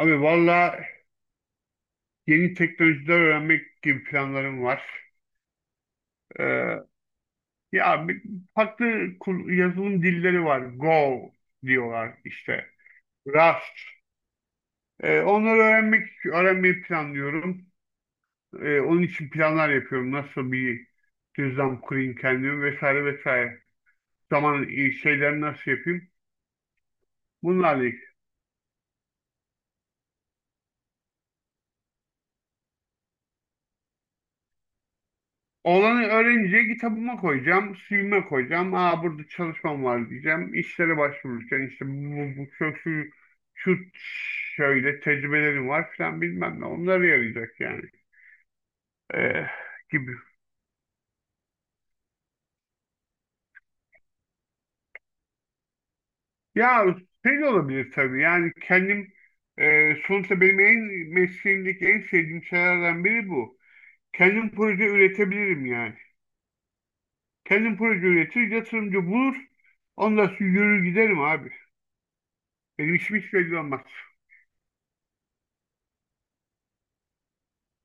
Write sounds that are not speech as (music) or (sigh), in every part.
Abi valla yeni teknolojiler öğrenmek gibi planlarım var. Ee, ya bir- farklı yazılım dilleri var. Go diyorlar işte. Rust. Onları öğrenmeyi planlıyorum. Onun için planlar yapıyorum. Nasıl bir düzlem kurayım kendimi vesaire vesaire. Zaman şeyleri nasıl yapayım? Bunlarla Olanı öğrenince kitabıma koyacağım, CV'me koyacağım. Aa, burada çalışmam var diyeceğim. İşlere başvururken işte bu şu şöyle tecrübelerim var falan bilmem ne. Onlara yarayacak yani. Ee, gibi. Ya şey de olabilir tabii. Yani kendim sonuçta benim en mesleğimdeki en sevdiğim şeylerden biri bu. Kendim proje üretebilirim yani. Kendim proje üretir, yatırımcı bulur. Ondan sonra yürür giderim abi. Benim işim hiç belli olmaz.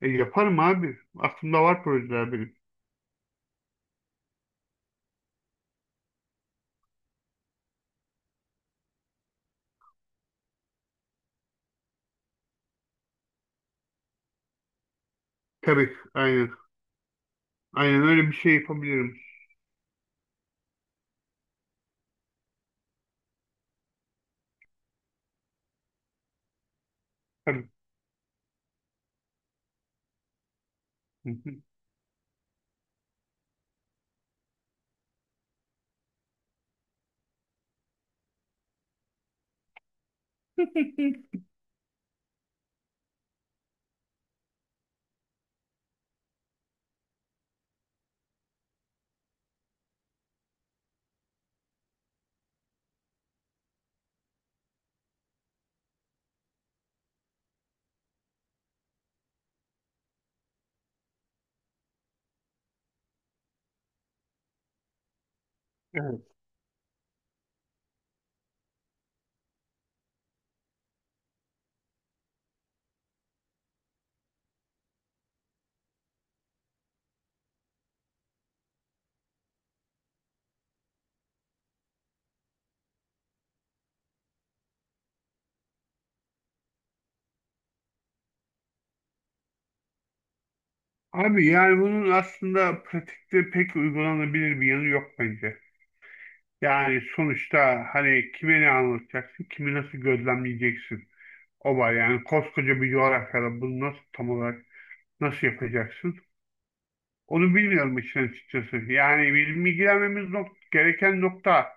Yaparım abi. Aklımda var projeler benim. Tabii, aynen. Aynen öyle bir şey yapabilirim. Tabii. Hı hı. (laughs) Evet. Abi yani bunun aslında pratikte pek uygulanabilir bir yanı yok bence. Yani sonuçta hani kime ne anlatacaksın, kimi nasıl gözlemleyeceksin? O var yani koskoca bir coğrafyada bunu nasıl tam olarak nasıl yapacaksın? Onu bilmiyorum işin açıkçası. Yani bizim ilgilenmemiz gereken nokta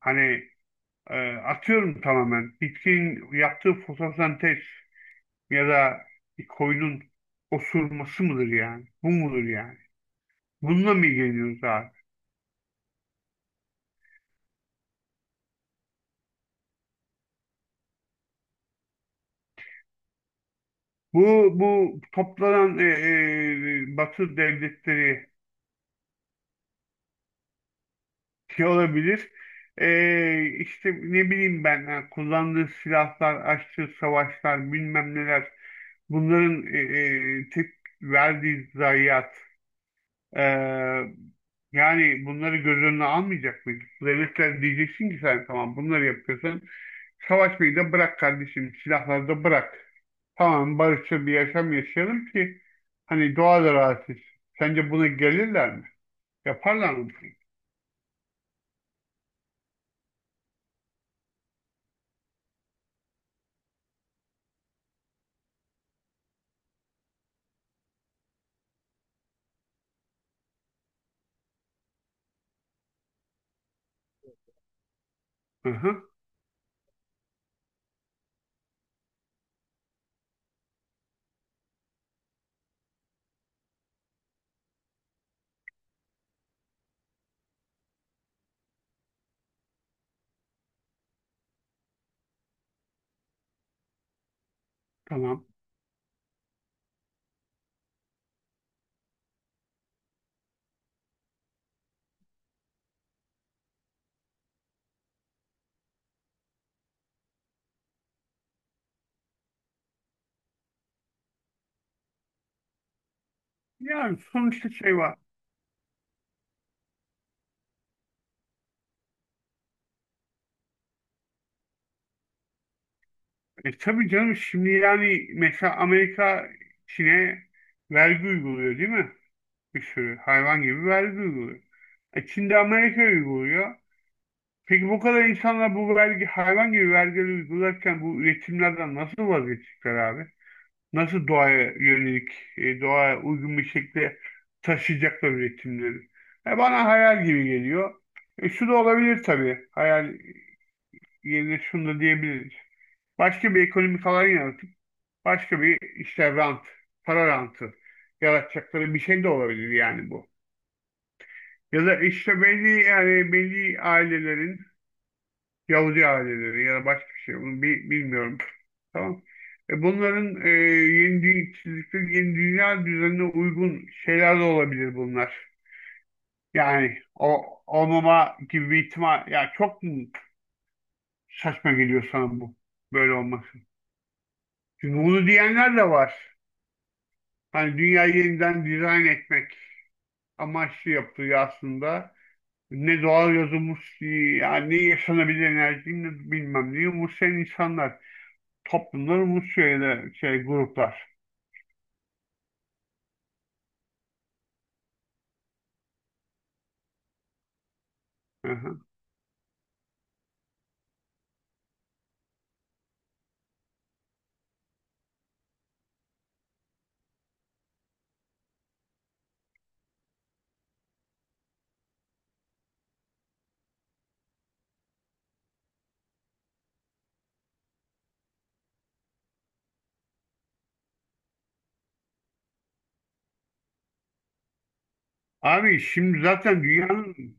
hani atıyorum tamamen. Bitkin yaptığı fotosentez ya da bir koyunun osurması mıdır yani? Bu mudur yani? Bununla mı ilgileniyoruz abi? Bu toplanan Batı devletleri şey olabilir. E, işte ne bileyim ben ha, kullandığı silahlar, açtığı savaşlar bilmem neler bunların tek verdiği zayiat. Ee, yani bunları göz önüne almayacak mıyız? Devletler diyeceksin ki sen tamam bunları yapıyorsan savaşmayı da bırak kardeşim, silahları da bırak. Tamam, barışçıl bir yaşam yaşayalım ki hani doğa da rahat etsin. Sence buna gelirler mi? Yaparlar mı? Bunu? Hı hı, tamam. Yani sonuçta şey var. E tabii canım, şimdi yani mesela Çin'e vergi uyguluyor değil mi? Bir sürü hayvan gibi vergi uyguluyor. E, Çin de Amerika uyguluyor. Peki bu kadar insanlar bu hayvan gibi vergileri uygularken bu üretimlerden nasıl vazgeçecekler abi? Nasıl doğaya yönelik, doğaya uygun bir şekilde taşıyacaklar üretimleri? Bana hayal gibi geliyor. Şu da olabilir tabii. Hayal yerine şunu da diyebiliriz. Başka bir ekonomik alan yaratıp başka bir işte rant, para rantı yaratacakları bir şey de olabilir yani bu. Ya da işte belli yani belli ailelerin Yahudi aileleri ya da başka bir şey bunu bilmiyorum. Tamam. E, bunların yeni çizdikleri yeni dünya düzenine uygun şeyler de olabilir bunlar. Yani o olmama gibi bir ihtimal. Ya çok mu saçma geliyor sana bu böyle olması? Çünkü bunu diyenler de var. Hani dünyayı yeniden dizayn etmek amaçlı yapılıyor aslında. Ne doğal yazılmış yani ne yaşanabilir enerji ne bilmem ne umursayan insanlar. Toplumların bu şeyde şey gruplar. Hı hı. Abi şimdi zaten dünyanın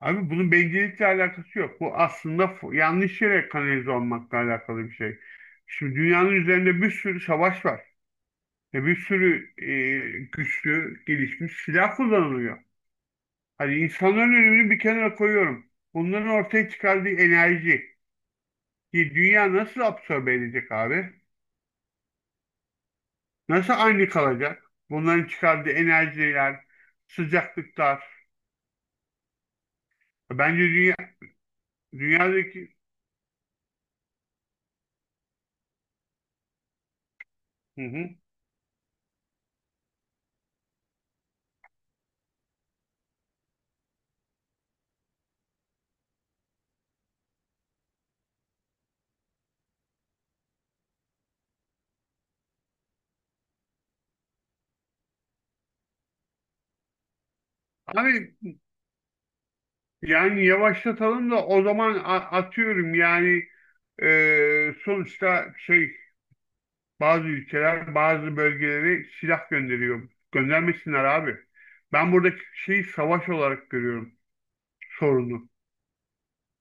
Abi bunun bencillikle alakası yok. Bu aslında yanlış yere kanalize olmakla alakalı bir şey. Şimdi dünyanın üzerinde bir sürü savaş var. Ve bir sürü güçlü, gelişmiş silah kullanılıyor. Hani insanların önemini bir kenara koyuyorum. Bunların ortaya çıkardığı enerji ki dünya nasıl absorbe edecek abi? Nasıl aynı kalacak? Bunların çıkardığı enerjiler, sıcaklıklar, bence dünyadaki hı hı. Abi yani yavaşlatalım da o zaman atıyorum yani, sonuçta şey, bazı ülkeler bazı bölgelere silah gönderiyor. Göndermesinler abi. Ben buradaki şeyi savaş olarak görüyorum sorunu.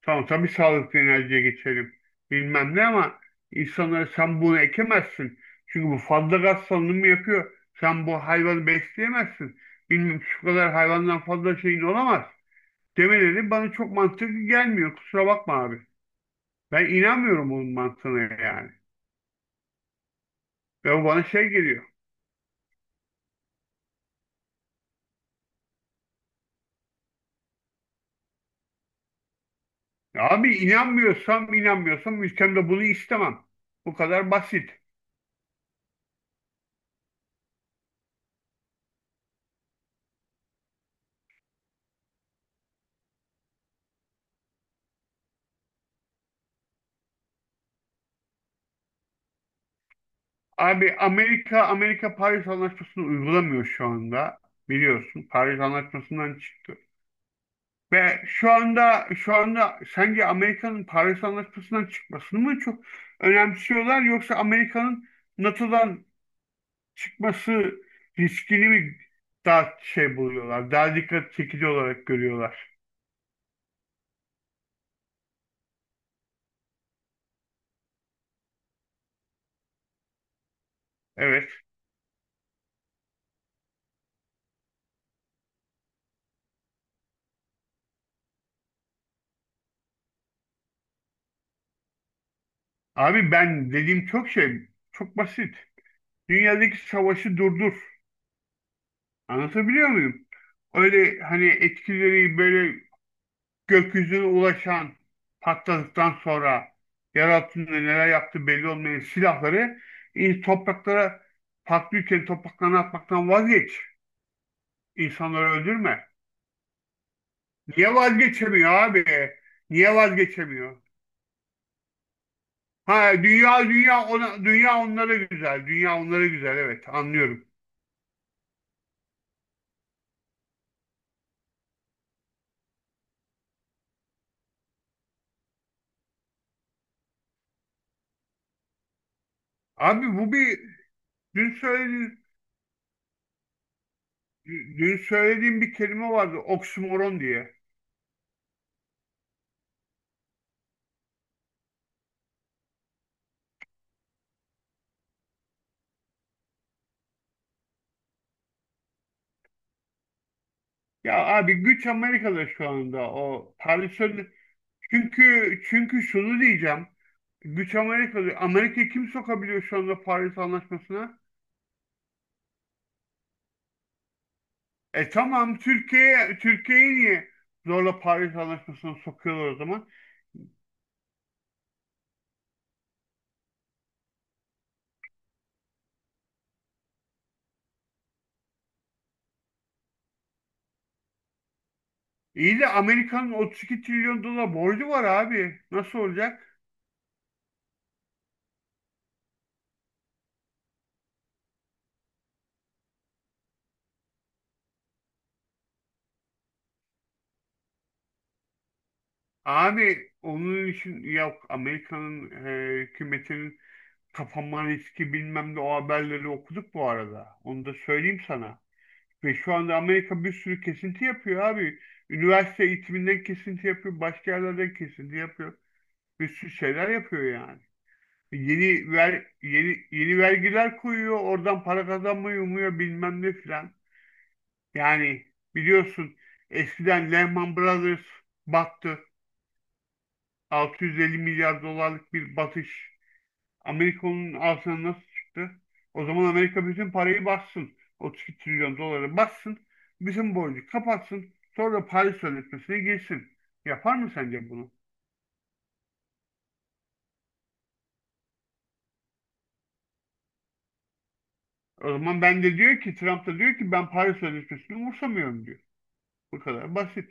Tamam tabii sağlıklı enerjiye geçelim. Bilmem ne ama insanlara sen bunu ekemezsin. Çünkü bu fazla gaz salınımı yapıyor. Sen bu hayvanı besleyemezsin. Bilmem şu kadar hayvandan fazla şeyin olamaz. Demeleri bana çok mantıklı gelmiyor. Kusura bakma abi. Ben inanmıyorum bunun mantığına yani. Ve o bana şey geliyor. Abi inanmıyorsam ülkemde bunu istemem. Bu kadar basit. Abi Amerika Paris Anlaşması'nı uygulamıyor şu anda. Biliyorsun Paris Anlaşması'ndan çıktı. Ve şu anda sence Amerika'nın Paris Anlaşması'ndan çıkmasını mı çok önemsiyorlar, yoksa Amerika'nın NATO'dan çıkması riskini mi daha şey buluyorlar, daha dikkat çekici olarak görüyorlar? Evet. Abi ben çok şey, çok basit. Dünyadaki savaşı durdur. Anlatabiliyor muyum? Öyle hani etkileri böyle gökyüzüne ulaşan, patladıktan sonra yer altında neler yaptığı belli olmayan silahları, topraklara patlıyorken topraklarına atmaktan vazgeç. İnsanları öldürme. Niye vazgeçemiyor abi? Niye vazgeçemiyor? Ha dünya onlara güzel. Dünya onlara güzel, evet, anlıyorum. Abi bu bir dün söylediğin dün söylediğim bir kelime vardı, oksimoron diye. Ya abi güç Amerika'da şu anda o parasol. Çünkü şunu diyeceğim. Güç Amerika'da. Amerika kim sokabiliyor şu anda Paris Anlaşması'na? E tamam Türkiye'yi niye zorla Paris Anlaşması'na sokuyorlar o zaman? İyi de Amerika'nın 32 trilyon dolar borcu var abi. Nasıl olacak? Abi onun için yok Amerika'nın hükümetinin kapanma riski bilmem ne, o haberleri okuduk bu arada. Onu da söyleyeyim sana. Ve şu anda Amerika bir sürü kesinti yapıyor abi. Üniversite eğitiminden kesinti yapıyor, başka yerlerden kesinti yapıyor. Bir sürü şeyler yapıyor yani. Yeni vergiler koyuyor, oradan para kazanmayı umuyor bilmem ne filan. Yani biliyorsun eskiden Lehman Brothers battı. 650 milyar dolarlık bir batış. Amerika'nın altına nasıl çıktı? O zaman Amerika bütün parayı bassın. 32 trilyon doları bassın. Bizim borcu kapatsın. Sonra da Paris Sözleşmesi'ne girsin. Yapar mı sence bunu? O zaman ben de diyor ki Trump da diyor ki ben Paris Sözleşmesi'ni umursamıyorum diyor. Bu kadar basit.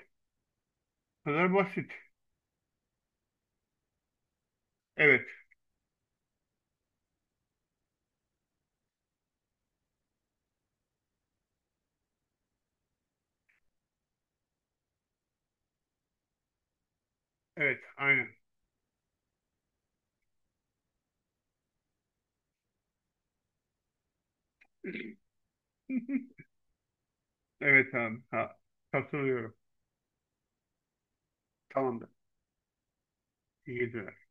Bu kadar basit. Evet. Evet. Aynen. (laughs) Evet abi. Ha, katılıyorum. Tamamdır. İyi geceler.